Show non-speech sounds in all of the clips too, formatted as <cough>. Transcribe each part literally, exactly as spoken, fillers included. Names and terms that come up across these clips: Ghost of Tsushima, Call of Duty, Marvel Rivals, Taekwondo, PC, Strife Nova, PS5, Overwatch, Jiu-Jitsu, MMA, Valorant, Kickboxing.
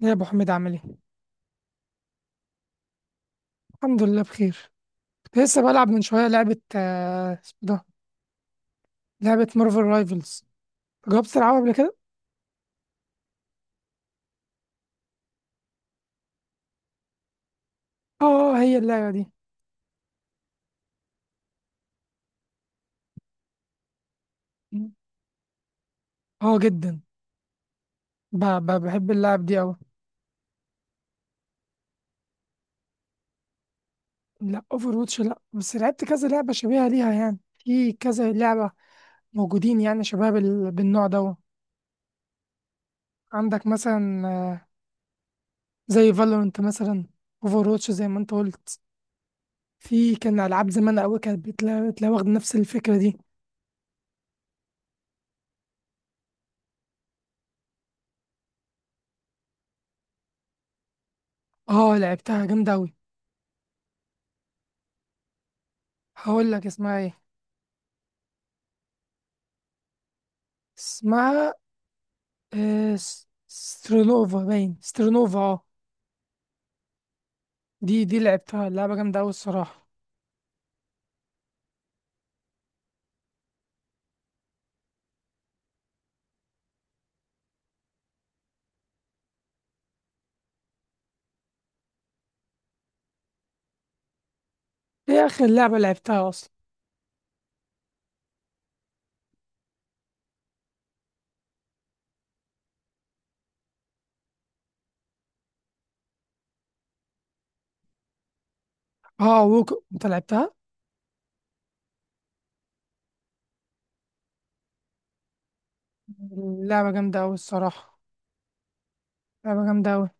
يا ابو حميد عامل ايه؟ الحمد لله بخير. كنت لسه بلعب من شويه لعبه، آه، اسمه ده. لعبه مارفل رايفلز. جربت تلعبها قبل كده؟ اه، هي اللعبه دي. اه، جدا. ب- ب- بحب اللعب دي قوي. لا، اوفر واتش لا، بس لعبت كذا لعبه شبيهه ليها، يعني في كذا لعبه موجودين، يعني شباب ال- بالنوع ده. عندك مثلا، آه، زي فالورنت مثلا، اوفر واتش زي ما انت قلت. في كان العاب زمان قوي كانت بتلا- بتلا- واخده نفس الفكره دي. اه، لعبتها جامده قوي. هقول لك اسمها ايه. اسمها، آه، س- سترونوفا، باين سترونوفا، اه. دي دي لعبتها، اللعبة جامدة أوي الصراحة. دي آخر لعبة لعبتها أصلا. اه، ووك أنت لعبتها؟ اللعبة جامدة أوي الصراحة. لعبة جامدة أوي.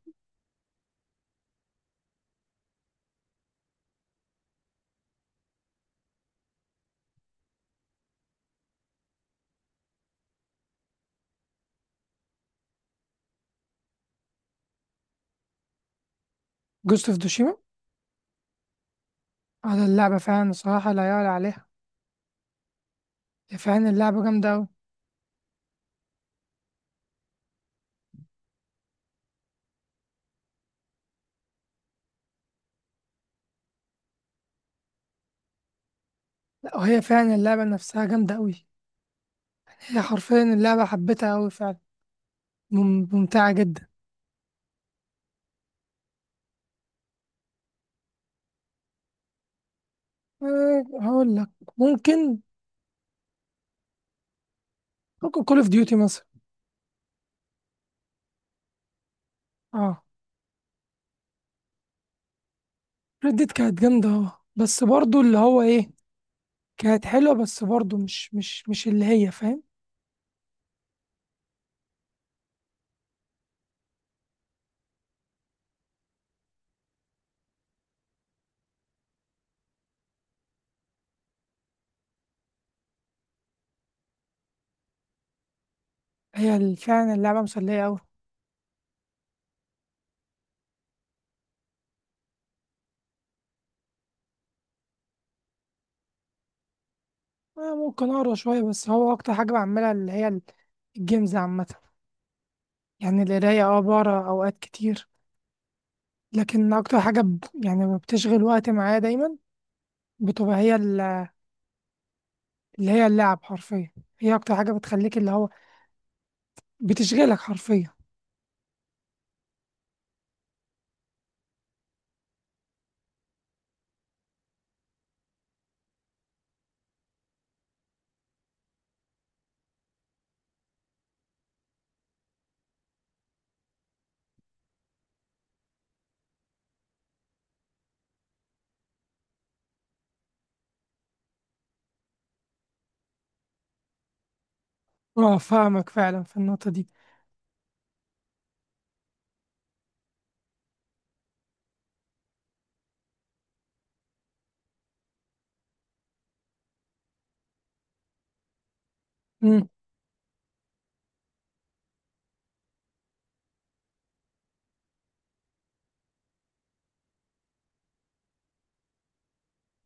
جوست اوف دوشيما. على اللعبة فعلا، الصراحة لا يعلى عليها. هي فعلا اللعبة جامدة أوي. لا، وهي فعلا اللعبة نفسها جامدة أوي. هي حرفيا اللعبة حبيتها أوي فعلا. مم- ممتعة جدا. أه هقول لك. ممكن، ممكن كول اوف ديوتي مثلا. اه، ردت كانت جامدة، اه، بس برضو اللي هو ايه. كانت حلوة، بس برضو مش مش مش اللي هي فاهم. هي ال- فعلا اللعبة مسلية أوي. أنا ممكن أقرا شوية، بس هو أكتر حاجة بعملها اللي هي ال- الجيمز عامة. يعني القراية اه بقرا أوقات كتير. لكن أكتر حاجة ب... يعني بتشغل وقت معايا دايما، بتبقى هي ال- اللي هي اللعب حرفيا. هي أكتر حاجة بتخليك، اللي هو بتشغلك حرفيا. اه، فاهمك فعلا في النقطة دي. مم،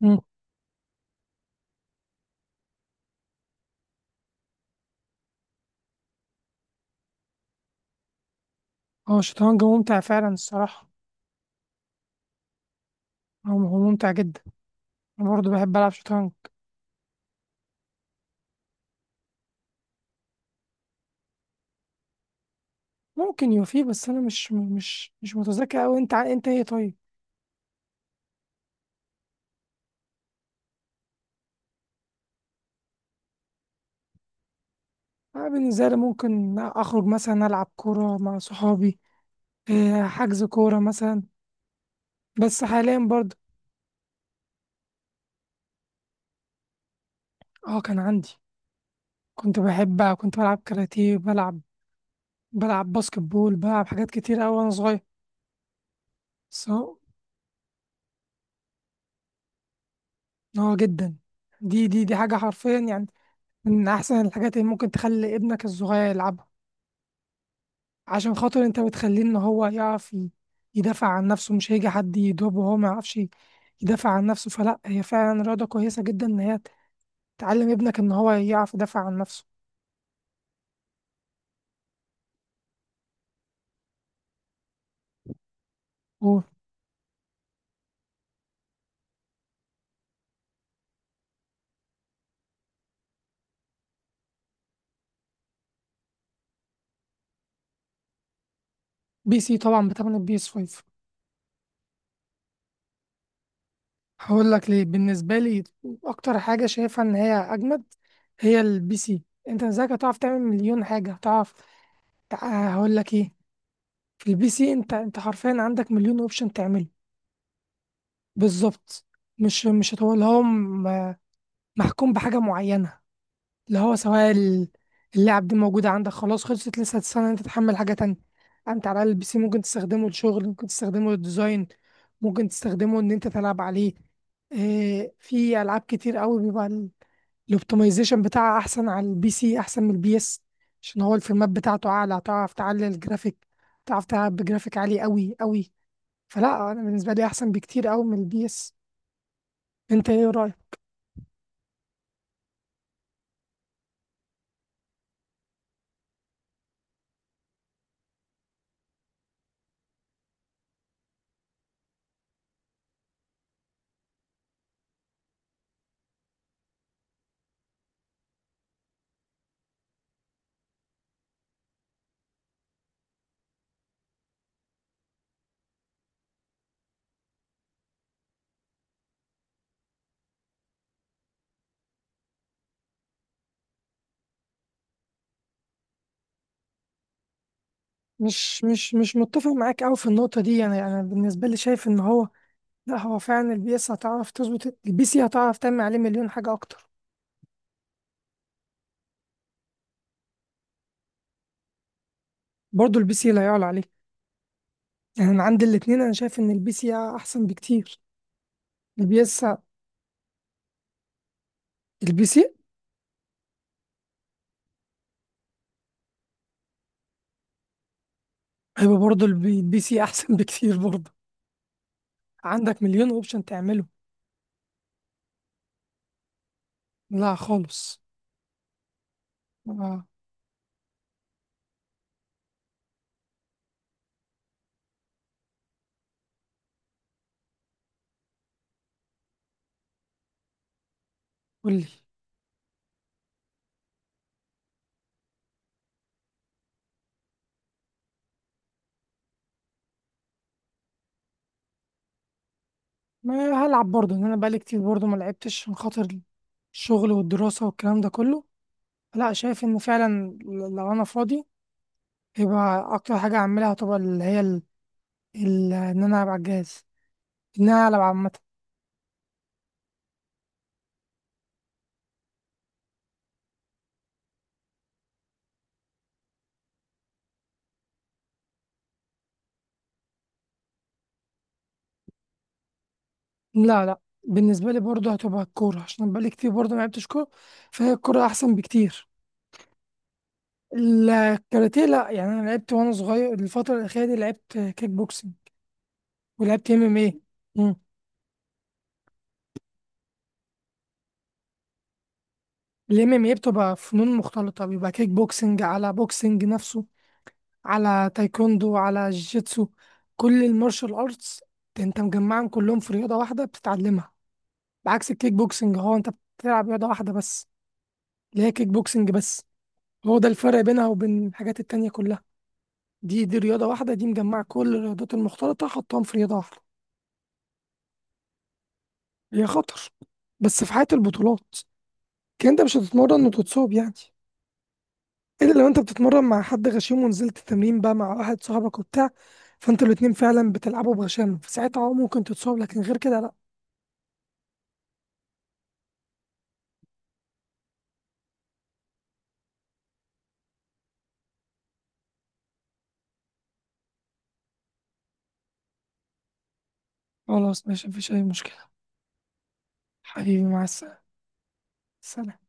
مم. هو الشطرنج ممتع فعلا الصراحة. هو هو ممتع جدا. انا برضه بحب العب شطرنج. ممكن يوفي، بس انا مش مش مش متذكر اوي. انت ع- انت ايه طيب؟ انا بالنسبه لي ممكن اخرج مثلا العب كوره مع صحابي. إيه، حجز كوره مثلا. بس حاليا برضه. اه، كان عندي. كنت بحب، كنت بلعب كاراتيه، بلعب، بلعب باسكت بول، بلعب حاجات كتير اوي وانا صغير. بس هو- اه، جدا. دي دي دي حاجه حرفيا يعني. من احسن الحاجات اللي ممكن تخلي ابنك الصغير يلعبها، عشان خاطر انت بتخليه ان هو يعرف ي- يدافع عن نفسه. مش هيجي حد يضربه وهو ما يعرفش يدافع عن نفسه. فلا هي فعلا رياضة كويسة جدا، ان هي تعلم ابنك ان هو يعرف يدافع عن نفسه. وبي سي طبعا بتمن البي اس خمسة. هقول لك ليه. بالنسبة لي اكتر حاجة شايفها ان هي اجمد هي البي سي. انت ازاي هتعرف تعمل مليون حاجة، هتعرف، تع- هقول لك ايه. في البي سي انت انت حرفيا عندك مليون اوبشن تعمله. بالظبط. مش مش هتقول لهم محكوم بحاجة معينة، اللي هو سواء ال- اللعب دي موجودة عندك خلاص، خلصت، لسه هتستنى إن انت تحمل حاجة تانية. انت على الأقل البي سي ممكن تستخدمه للشغل، ممكن تستخدمه للديزاين، ممكن تستخدمه ان انت تلعب عليه. إيه، في العاب كتير قوي بيبقى ال- الاوبتمايزيشن بتاعها احسن على البي سي، احسن من البي اس. عشان هو الفريمات بتاعته اعلى، هتعرف تعلي الجرافيك، تعرف تلعب بجرافيك عالي قوي قوي. فلا انا بالنسبة لي احسن بكتير قوي من البي اس. انت ايه رأيك؟ مش مش مش متفق معاك أوي في النقطة دي، يعني أنا بالنسبة لي شايف إن هو، لا، هو فعلا البي إس هتعرف تظبط، البي سي هتعرف تعمل عليه مليون حاجة أكتر. برضه البي سي لا يعلى عليه. يعني أنا عندي الاتنين، أنا شايف إن البي سي أحسن بكتير. البي إس، البي سي، هيبقى برضه البي البي سي أحسن <laughs> بكتير برضه. عندك مليون أوبشن تعمله. لا خالص. آه، قولي. ما هلعب برضه، إن أنا بقالي كتير برضه ما لعبتش، عشان خاطر الشغل والدراسة والكلام ده كله. لا، شايف إن فعلا لو أنا فاضي، يبقى اكتر حاجه اعملها طبعا اللي هي ال... ال... ان انا العب على الجهاز، ان انا العب عامه. لا، لا، بالنسبه لي برضه هتبقى الكوره، عشان أنا بقالي كتير برضه ما لعبتش كوره. فهي الكوره احسن بكتير. الكاراتيه لا، يعني انا لعبت وانا صغير. الفتره الاخيره دي لعبت كيك بوكسنج، ولعبت ام ام ايه. الام ام ايه بتبقى فنون مختلطه، بيبقى كيك بوكسنج على بوكسنج نفسه، على تايكوندو، على جيتسو، كل المارشال ارتس، انت مجمعهم كلهم في رياضه واحده بتتعلمها. بعكس الكيك بوكسنج، هو انت بتلعب رياضة واحدة بس، اللي هي كيك بوكسنج بس. هو ده الفرق بينها وبين الحاجات التانية كلها. دي دي رياضة واحدة، دي مجمعة كل الرياضات المختلطة، حطهم في رياضة واحدة. هي خطر، بس في حياة البطولات، كان انت مش هتتمرن وتتصاب يعني. الا لو انت بتتمرن مع حد غشيم، ونزلت التمرين بقى مع واحد صاحبك وبتاع، فانتوا الاتنين فعلا بتلعبوا بغشامة، فساعتها اه ممكن تتصاب، لكن غير كده لا. خلاص، ماشي، مفيش اي مشكلة. حبيبي، مع السلامة. سلام.